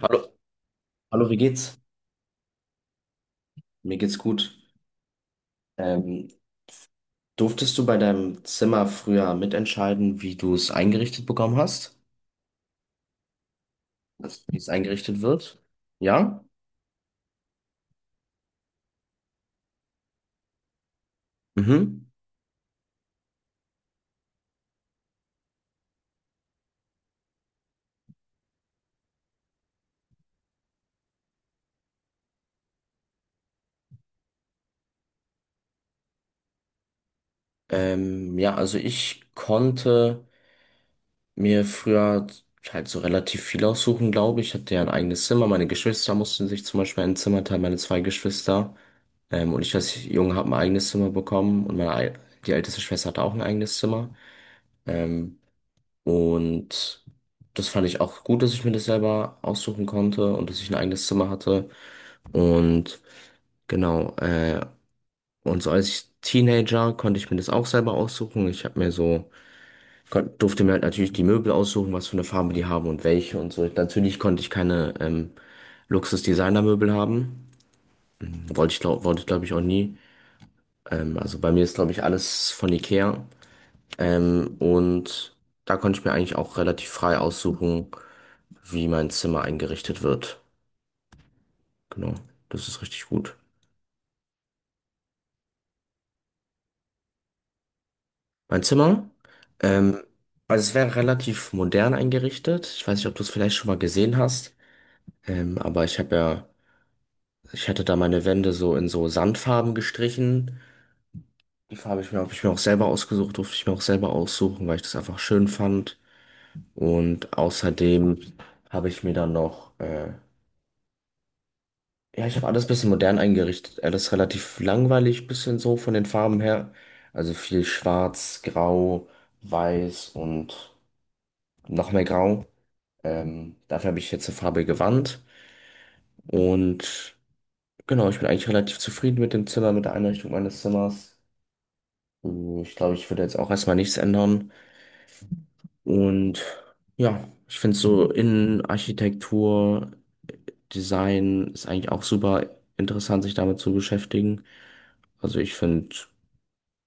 Hallo, hallo, wie geht's? Mir geht's gut. Ähm, Durftest du bei deinem Zimmer früher mitentscheiden, wie du es eingerichtet bekommen hast? Also, wie es eingerichtet wird? Ja? Mhm. Ja, also ich konnte mir früher halt so relativ viel aussuchen, glaube ich. Ich hatte ja ein eigenes Zimmer. Meine Geschwister mussten sich zum Beispiel ein Zimmer teilen, meine zwei Geschwister. Und ich als Junge habe ein eigenes Zimmer bekommen und die älteste Schwester hatte auch ein eigenes Zimmer. Ähm, Und das fand ich auch gut, dass ich mir das selber aussuchen konnte und dass ich ein eigenes Zimmer hatte. Und genau, und so als ich Teenager konnte ich mir das auch selber aussuchen. Ich habe mir so, kon- Durfte mir halt natürlich die Möbel aussuchen, was für eine Farbe die haben und welche und so. Natürlich konnte ich keine Luxus-Designer-Möbel haben. Wollte ich glaube ich auch nie. Also bei mir ist glaube ich alles von Ikea. Und da konnte ich mir eigentlich auch relativ frei aussuchen, wie mein Zimmer eingerichtet wird. Genau, das ist richtig gut. Mein Zimmer, ähm, also es wäre relativ modern eingerichtet. Ich weiß nicht, ob du es vielleicht schon mal gesehen hast, aber ich hatte da meine Wände so in so Sandfarben gestrichen. Die Farbe habe ich mir auch selber ausgesucht, durfte ich mir auch selber aussuchen, weil ich das einfach schön fand. Und außerdem habe ich mir dann noch ja, ich habe alles ein bisschen modern eingerichtet. Alles relativ langweilig, bisschen so von den Farben her. Also viel schwarz, grau, weiß und noch mehr grau. Dafür habe ich jetzt eine farbige Wand. Und genau, ich bin eigentlich relativ zufrieden mit dem Zimmer, mit der Einrichtung meines Zimmers. Ich glaube, ich würde jetzt auch erstmal nichts ändern. Und ja, ich finde so Innenarchitektur, Design ist eigentlich auch super interessant, sich damit zu beschäftigen. Also ich finde.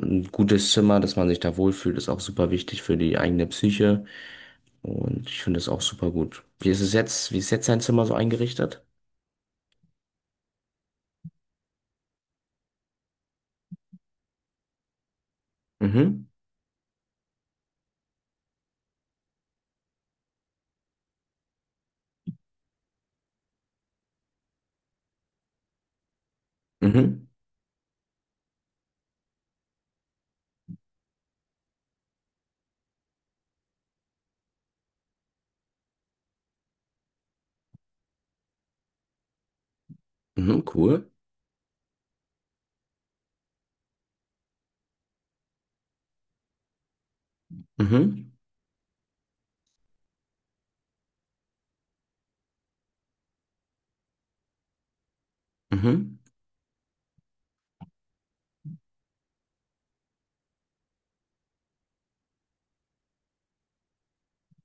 Ein gutes Zimmer, dass man sich da wohlfühlt, ist auch super wichtig für die eigene Psyche. Und ich finde es auch super gut. Wie ist es jetzt? Wie ist jetzt dein Zimmer so eingerichtet? Mhm, mhm, mhm, cool. Mhm, mhm,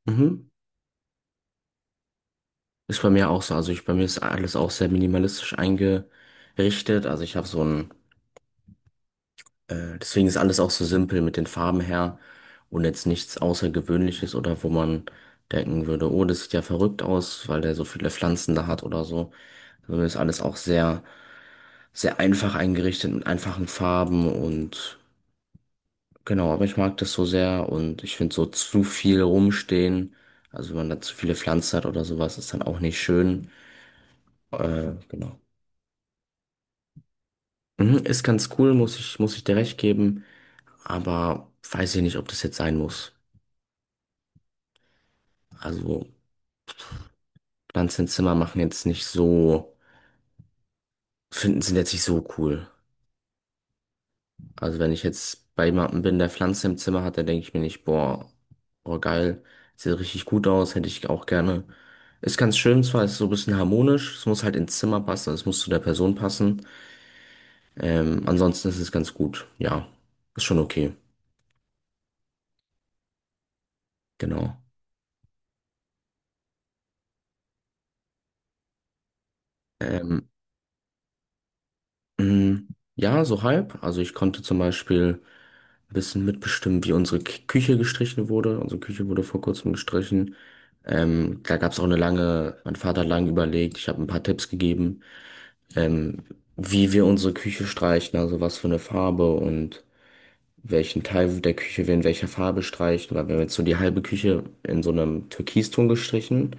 mhm. Ist bei mir auch so. Also ich, bei mir ist alles auch sehr minimalistisch eingerichtet. Also ich habe so ein deswegen ist alles auch so simpel mit den Farben her und jetzt nichts Außergewöhnliches oder wo man denken würde, oh, das sieht ja verrückt aus, weil der so viele Pflanzen da hat oder so. Also ist alles auch sehr, sehr einfach eingerichtet mit einfachen Farben und genau, aber ich mag das so sehr und ich finde so zu viel rumstehen. Also wenn man da zu viele Pflanzen hat oder sowas, ist dann auch nicht schön. Genau. Mhm, ist ganz cool, muss ich dir recht geben, aber weiß ich nicht, ob das jetzt sein muss. Also Lanzenzimmer machen jetzt nicht so, finden, sind jetzt nicht so cool. Also wenn ich jetzt bei jemandem bin, der Pflanze im Zimmer hat, dann denke ich mir nicht, boah, geil, sieht richtig gut aus, hätte ich auch gerne. Ist ganz schön zwar, ist so ein bisschen harmonisch, es muss halt ins Zimmer passen, also es muss zu der Person passen. Ansonsten ist es ganz gut, ja, ist schon okay, genau. Ähm, mh, ja, so halb. Also ich konnte zum Beispiel ein bisschen mitbestimmt, wie unsere K Küche gestrichen wurde. Unsere Küche wurde vor kurzem gestrichen. Da gab es auch eine lange, mein Vater hat lange überlegt, ich habe ein paar Tipps gegeben, ähm, wie wir unsere Küche streichen, also was für eine Farbe und welchen Teil der Küche wir in welcher Farbe streichen, weil wir haben jetzt so die halbe Küche in so einem Türkiston gestrichen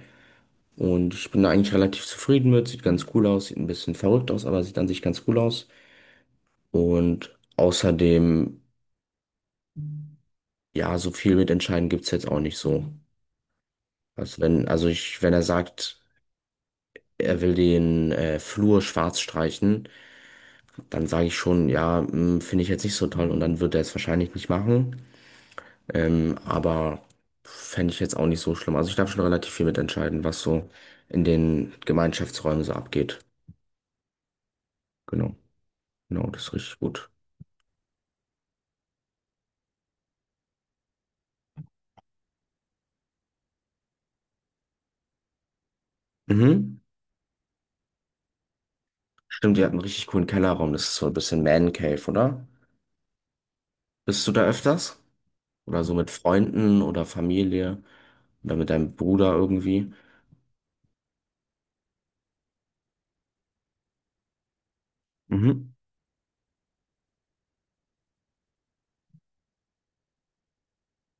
und ich bin da eigentlich relativ zufrieden mit, sieht ganz cool aus, sieht ein bisschen verrückt aus, aber sieht an sich ganz cool aus und außerdem, ja, so viel mitentscheiden gibt's jetzt auch nicht so. Also ich, wenn er sagt, er will den Flur schwarz streichen, dann sage ich schon, ja, hm, finde ich jetzt nicht so toll und dann wird er es wahrscheinlich nicht machen. Aber fände ich jetzt auch nicht so schlimm. Also ich darf schon relativ viel mitentscheiden, was so in den Gemeinschaftsräumen so abgeht. Genau, genau, das ist richtig gut. Mhm. Stimmt, ihr habt einen richtig coolen Kellerraum. Das ist so ein bisschen Man Cave, oder? Bist du da öfters? Oder so mit Freunden oder Familie oder mit deinem Bruder irgendwie? Mhm.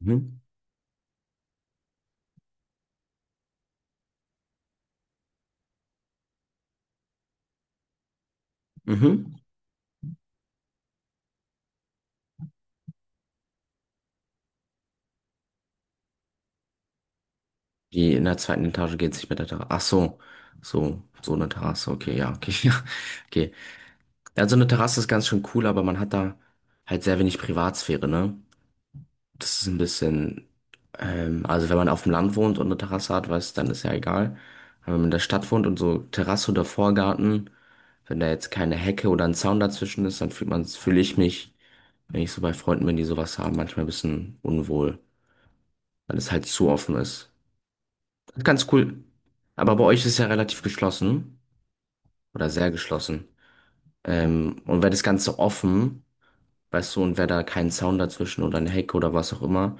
Mhm. Mhm. Die in der zweiten Etage geht es nicht mit der Terrasse. Ach so, so eine Terrasse. Okay, ja, okay, ja, okay. Also eine Terrasse ist ganz schön cool, aber man hat da halt sehr wenig Privatsphäre, ne? Das ist ein bisschen, also wenn man auf dem Land wohnt und eine Terrasse hat, weiß, dann ist ja egal. Aber wenn man in der Stadt wohnt und so Terrasse oder Vorgarten, wenn da jetzt keine Hecke oder ein Zaun dazwischen ist, dann fühle ich mich, wenn ich so bei Freunden bin, die sowas haben, manchmal ein bisschen unwohl, weil es halt zu offen ist. Ganz cool. Aber bei euch ist es ja relativ geschlossen oder sehr geschlossen. Und wäre das Ganze offen, weißt du, und wäre da kein Zaun dazwischen oder eine Hecke oder was auch immer.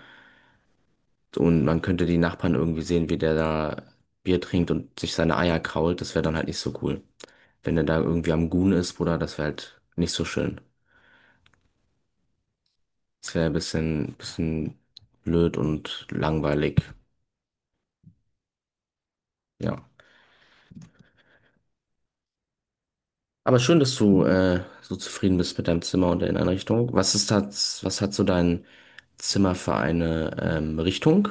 Und man könnte die Nachbarn irgendwie sehen, wie der da Bier trinkt und sich seine Eier krault. Das wäre dann halt nicht so cool. Wenn der da irgendwie am Gun ist, Bruder, das wäre halt nicht so schön. Das wäre ein bisschen blöd und langweilig. Ja. Aber schön, dass du so zufrieden bist mit deinem Zimmer und der Inneneinrichtung. Was ist das, was hat so dein Zimmer für eine Richtung?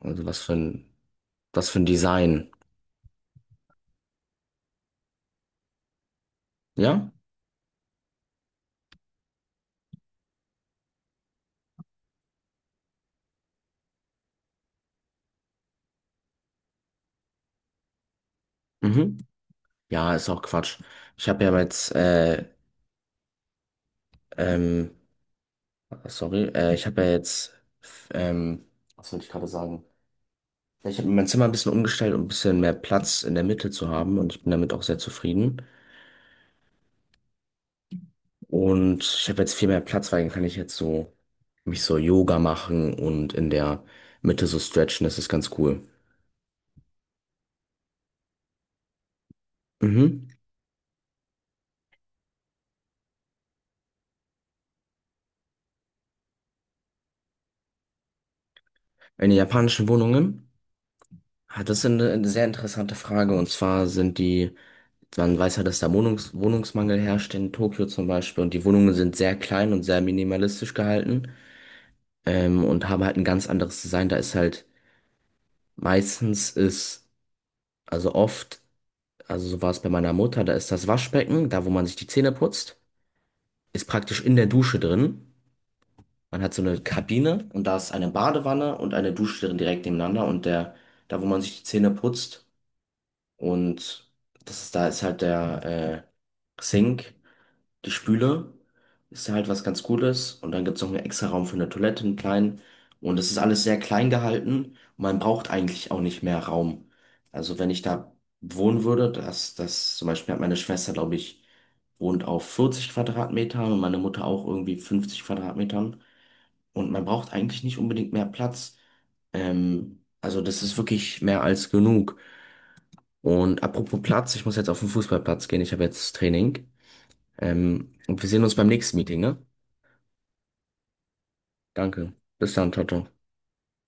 Also was für ein, was für ein Design? Ja? Mhm. Ja, ist auch Quatsch. Ich habe ja jetzt, äh, ähm, Ich habe ja jetzt, f- ähm, was wollte ich gerade sagen? Ja, ich habe mein Zimmer ein bisschen umgestellt, um ein bisschen mehr Platz in der Mitte zu haben und ich bin damit auch sehr zufrieden. Und ich habe jetzt viel mehr Platz, weil dann kann ich jetzt so mich so Yoga machen und in der Mitte so stretchen. Das ist ganz cool. Mhm. In den japanischen Wohnungen? Ah, das ist eine sehr interessante Frage. Und zwar sind die, man weiß ja, dass da Wohnungsmangel herrscht in Tokio zum Beispiel. Und die Wohnungen sind sehr klein und sehr minimalistisch gehalten. Und haben halt ein ganz anderes Design. Da ist halt meistens ist, also oft, also so war es bei meiner Mutter, da ist das Waschbecken, da wo man sich die Zähne putzt, ist praktisch in der Dusche drin. Man hat so eine Kabine und da ist eine Badewanne und eine Dusche drin direkt nebeneinander. Und der, da wo man sich die Zähne putzt, und das ist, da ist halt der Sink, die Spüle, ist halt was ganz Gutes. Und dann gibt's noch einen extra Raum für eine Toilette, einen kleinen. Und es ist alles sehr klein gehalten. Man braucht eigentlich auch nicht mehr Raum. Also wenn ich da wohnen würde, das zum Beispiel hat meine Schwester, glaube ich, wohnt auf 40 Quadratmetern und meine Mutter auch irgendwie 50 Quadratmetern. Und man braucht eigentlich nicht unbedingt mehr Platz. Also das ist wirklich mehr als genug. Und apropos Platz, ich muss jetzt auf den Fußballplatz gehen. Ich habe jetzt Training. Und wir sehen uns beim nächsten Meeting, ne? Danke. Bis dann, ciao, ciao.